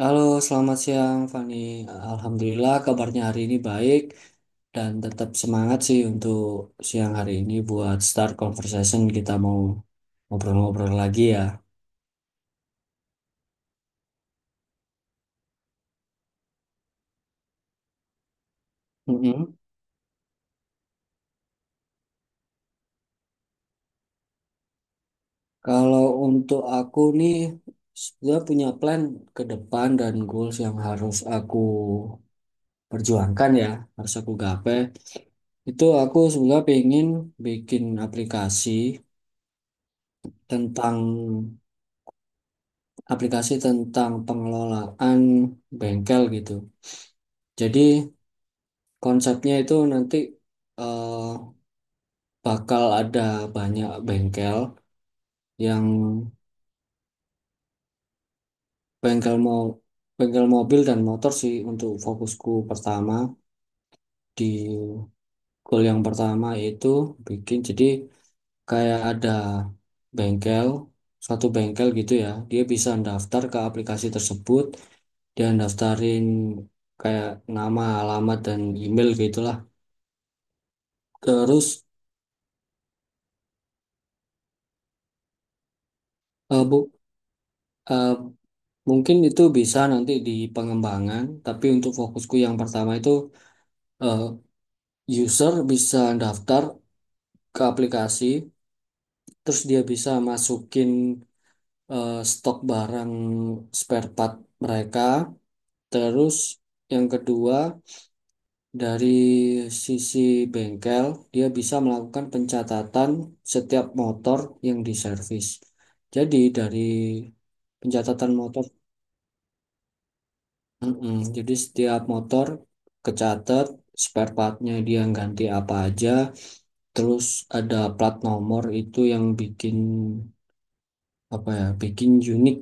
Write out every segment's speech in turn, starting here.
Halo, selamat siang Fani. Alhamdulillah kabarnya hari ini baik dan tetap semangat sih untuk siang hari ini buat start conversation kita mau ngobrol-ngobrol lagi ya. Mm-mm. Kalau untuk aku nih sudah punya plan ke depan dan goals yang harus aku perjuangkan ya, harus aku gapai. Itu aku sebenarnya pengen bikin aplikasi tentang pengelolaan bengkel gitu. Jadi konsepnya itu nanti eh, bakal ada banyak bengkel yang bengkel mau bengkel mobil dan motor sih untuk fokusku pertama di goal yang pertama itu bikin jadi kayak ada bengkel satu bengkel gitu ya, dia bisa daftar ke aplikasi tersebut. Dia daftarin kayak nama, alamat, dan email gitu. Terus eh, bu, eh, mungkin itu bisa nanti di pengembangan, tapi untuk fokusku yang pertama itu, eh, user bisa daftar ke aplikasi, terus dia bisa masukin stok barang spare part mereka. Terus yang kedua dari sisi bengkel, dia bisa melakukan pencatatan setiap motor yang diservis. Jadi dari pencatatan motor. Mm-mm. Jadi setiap motor kecatat spare partnya dia ganti apa aja, terus ada plat nomor itu yang bikin apa ya, bikin unik.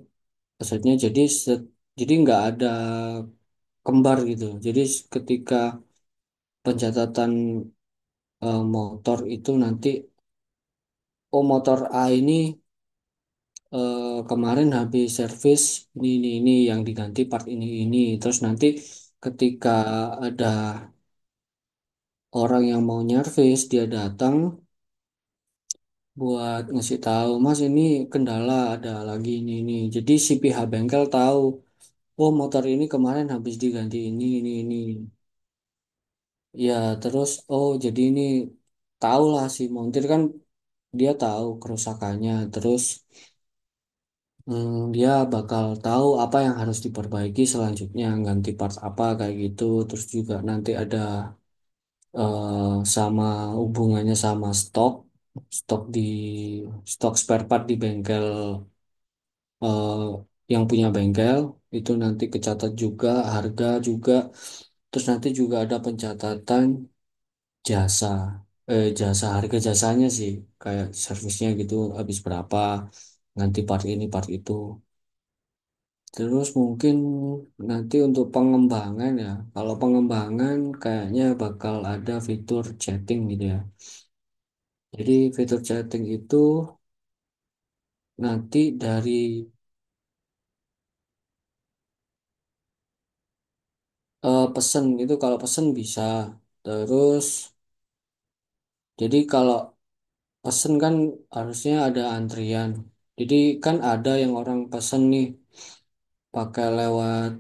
Maksudnya jadi jadi nggak ada kembar gitu. Jadi ketika pencatatan motor itu nanti, oh motor A ini kemarin habis servis ini yang diganti, part ini ini. Terus nanti ketika ada orang yang mau nyervis dia datang buat ngasih tahu, mas ini kendala ada lagi ini, jadi si pihak bengkel tahu oh motor ini kemarin habis diganti ini ya. Terus oh jadi ini tahu lah si montir kan, dia tahu kerusakannya. Terus dia bakal tahu apa yang harus diperbaiki selanjutnya, ganti part apa kayak gitu. Terus juga nanti ada eh, sama hubungannya sama stok, stok di stok spare part di bengkel, eh, yang punya bengkel itu nanti kecatat juga, harga juga. Terus nanti juga ada pencatatan jasa, jasa harga jasanya sih, kayak servisnya gitu habis berapa, nanti part ini part itu. Terus mungkin nanti untuk pengembangan ya, kalau pengembangan kayaknya bakal ada fitur chatting gitu ya. Jadi fitur chatting itu nanti dari pesen itu, kalau pesen bisa. Terus jadi kalau pesen kan harusnya ada antrian. Jadi kan ada yang orang pesen nih pakai lewat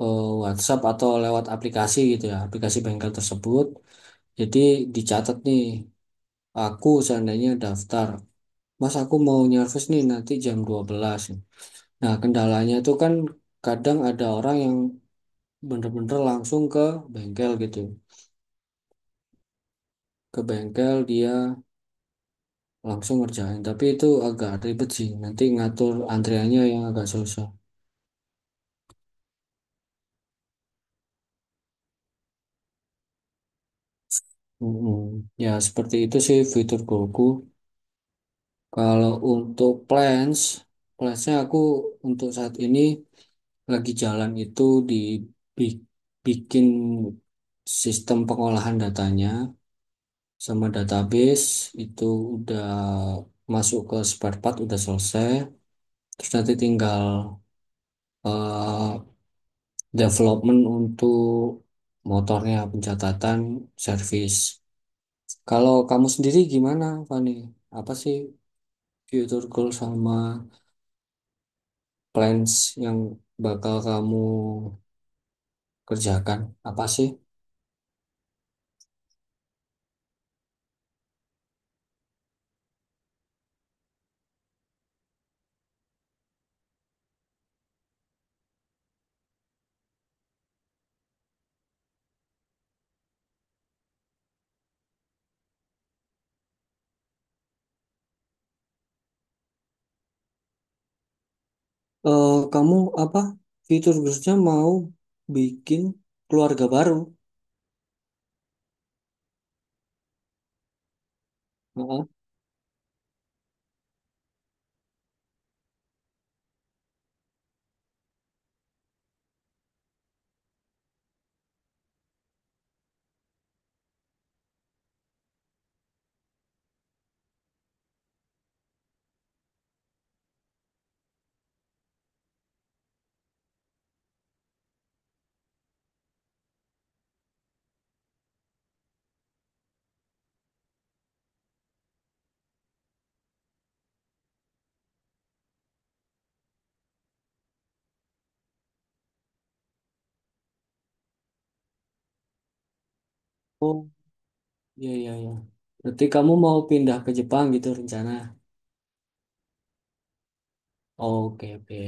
WhatsApp atau lewat aplikasi gitu ya, aplikasi bengkel tersebut. Jadi dicatat nih, aku seandainya daftar, mas aku mau nyervis nih nanti jam 12. Nah, kendalanya itu kan kadang ada orang yang bener-bener langsung ke bengkel gitu. Ke bengkel dia langsung ngerjain. Tapi itu agak ribet sih. Nanti ngatur antriannya yang agak susah. Mm-mm. Ya seperti itu sih fitur Goku. Kalau untuk plans, plansnya aku untuk saat ini lagi jalan itu dibikin sistem pengolahan datanya sama database itu udah masuk ke spare part udah selesai. Terus nanti tinggal eh, development untuk motornya, pencatatan, servis. Kalau kamu sendiri gimana, Fani? Apa sih future goal sama plans yang bakal kamu kerjakan? Apa sih? Eh, kamu apa? Future goalsnya mau bikin keluarga baru? Heeh. Oh, iya iya iya. Berarti kamu mau pindah ke Jepang gitu rencana? Oke oke.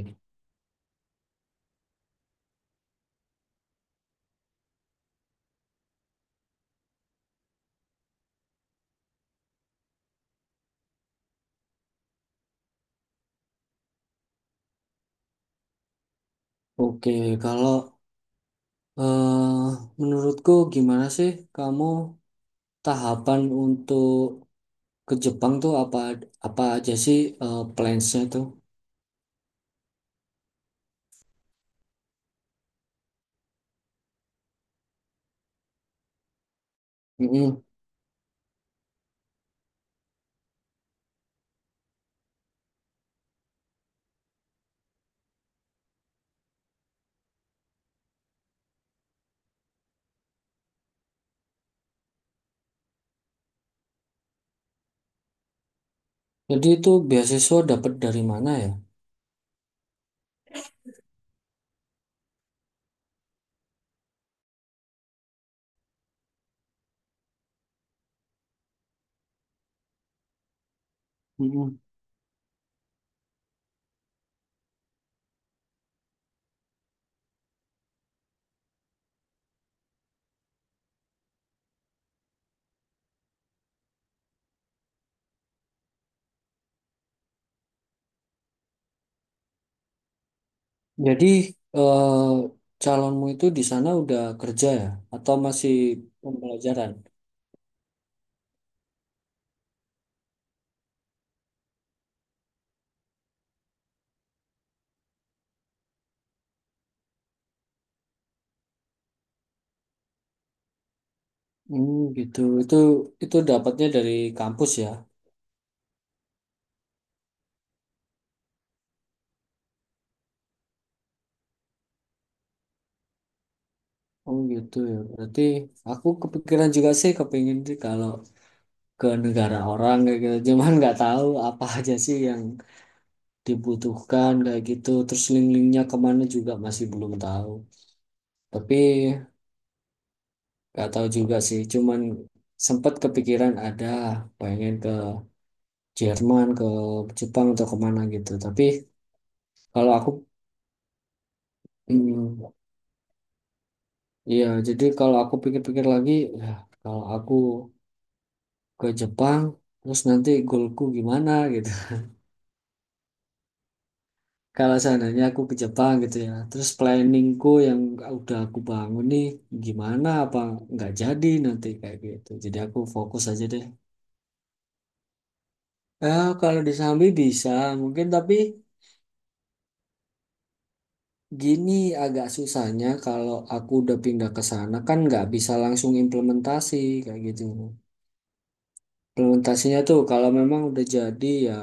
Oke, kalau eh menurutku gimana sih kamu tahapan untuk ke Jepang tuh apa apa aja sih, plans-nya tuh? Mm-mm. Jadi itu beasiswa dapat dari mana ya? Mm-mm. Jadi eh calonmu itu di sana udah kerja ya atau masih pembelajaran? Hmm, gitu. Itu dapatnya dari kampus ya. Oh gitu ya. Berarti aku kepikiran juga sih, kepingin sih kalau ke negara orang kayak gitu. Cuman nggak tahu apa aja sih yang dibutuhkan kayak gitu. Terus link-linknya kemana juga masih belum tahu. Tapi nggak tahu juga sih. Cuman sempat kepikiran ada pengen ke Jerman, ke Jepang atau kemana gitu. Tapi kalau aku, mm, iya. Jadi kalau aku pikir-pikir lagi, ya, kalau aku ke Jepang, terus nanti goalku gimana gitu. Kalau seandainya aku ke Jepang gitu ya, terus planningku yang udah aku bangun nih gimana, apa nggak jadi nanti kayak gitu. Jadi aku fokus aja deh. Eh, kalau di Sambi bisa mungkin, tapi gini, agak susahnya kalau aku udah pindah ke sana kan nggak bisa langsung implementasi kayak gitu. Implementasinya tuh kalau memang udah jadi ya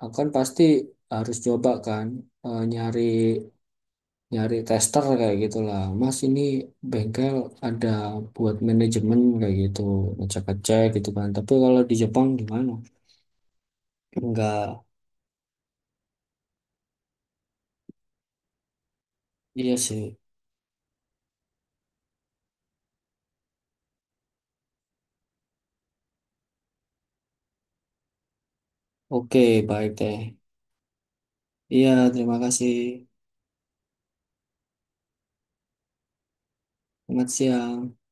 aku kan pasti harus coba kan, nyari nyari tester kayak gitulah, mas ini bengkel ada buat manajemen kayak gitu, ngecek-ngecek gitu kan, tapi kalau di Jepang gimana. Enggak, iya sih. Oke, baik deh, iya terima kasih. Selamat siang.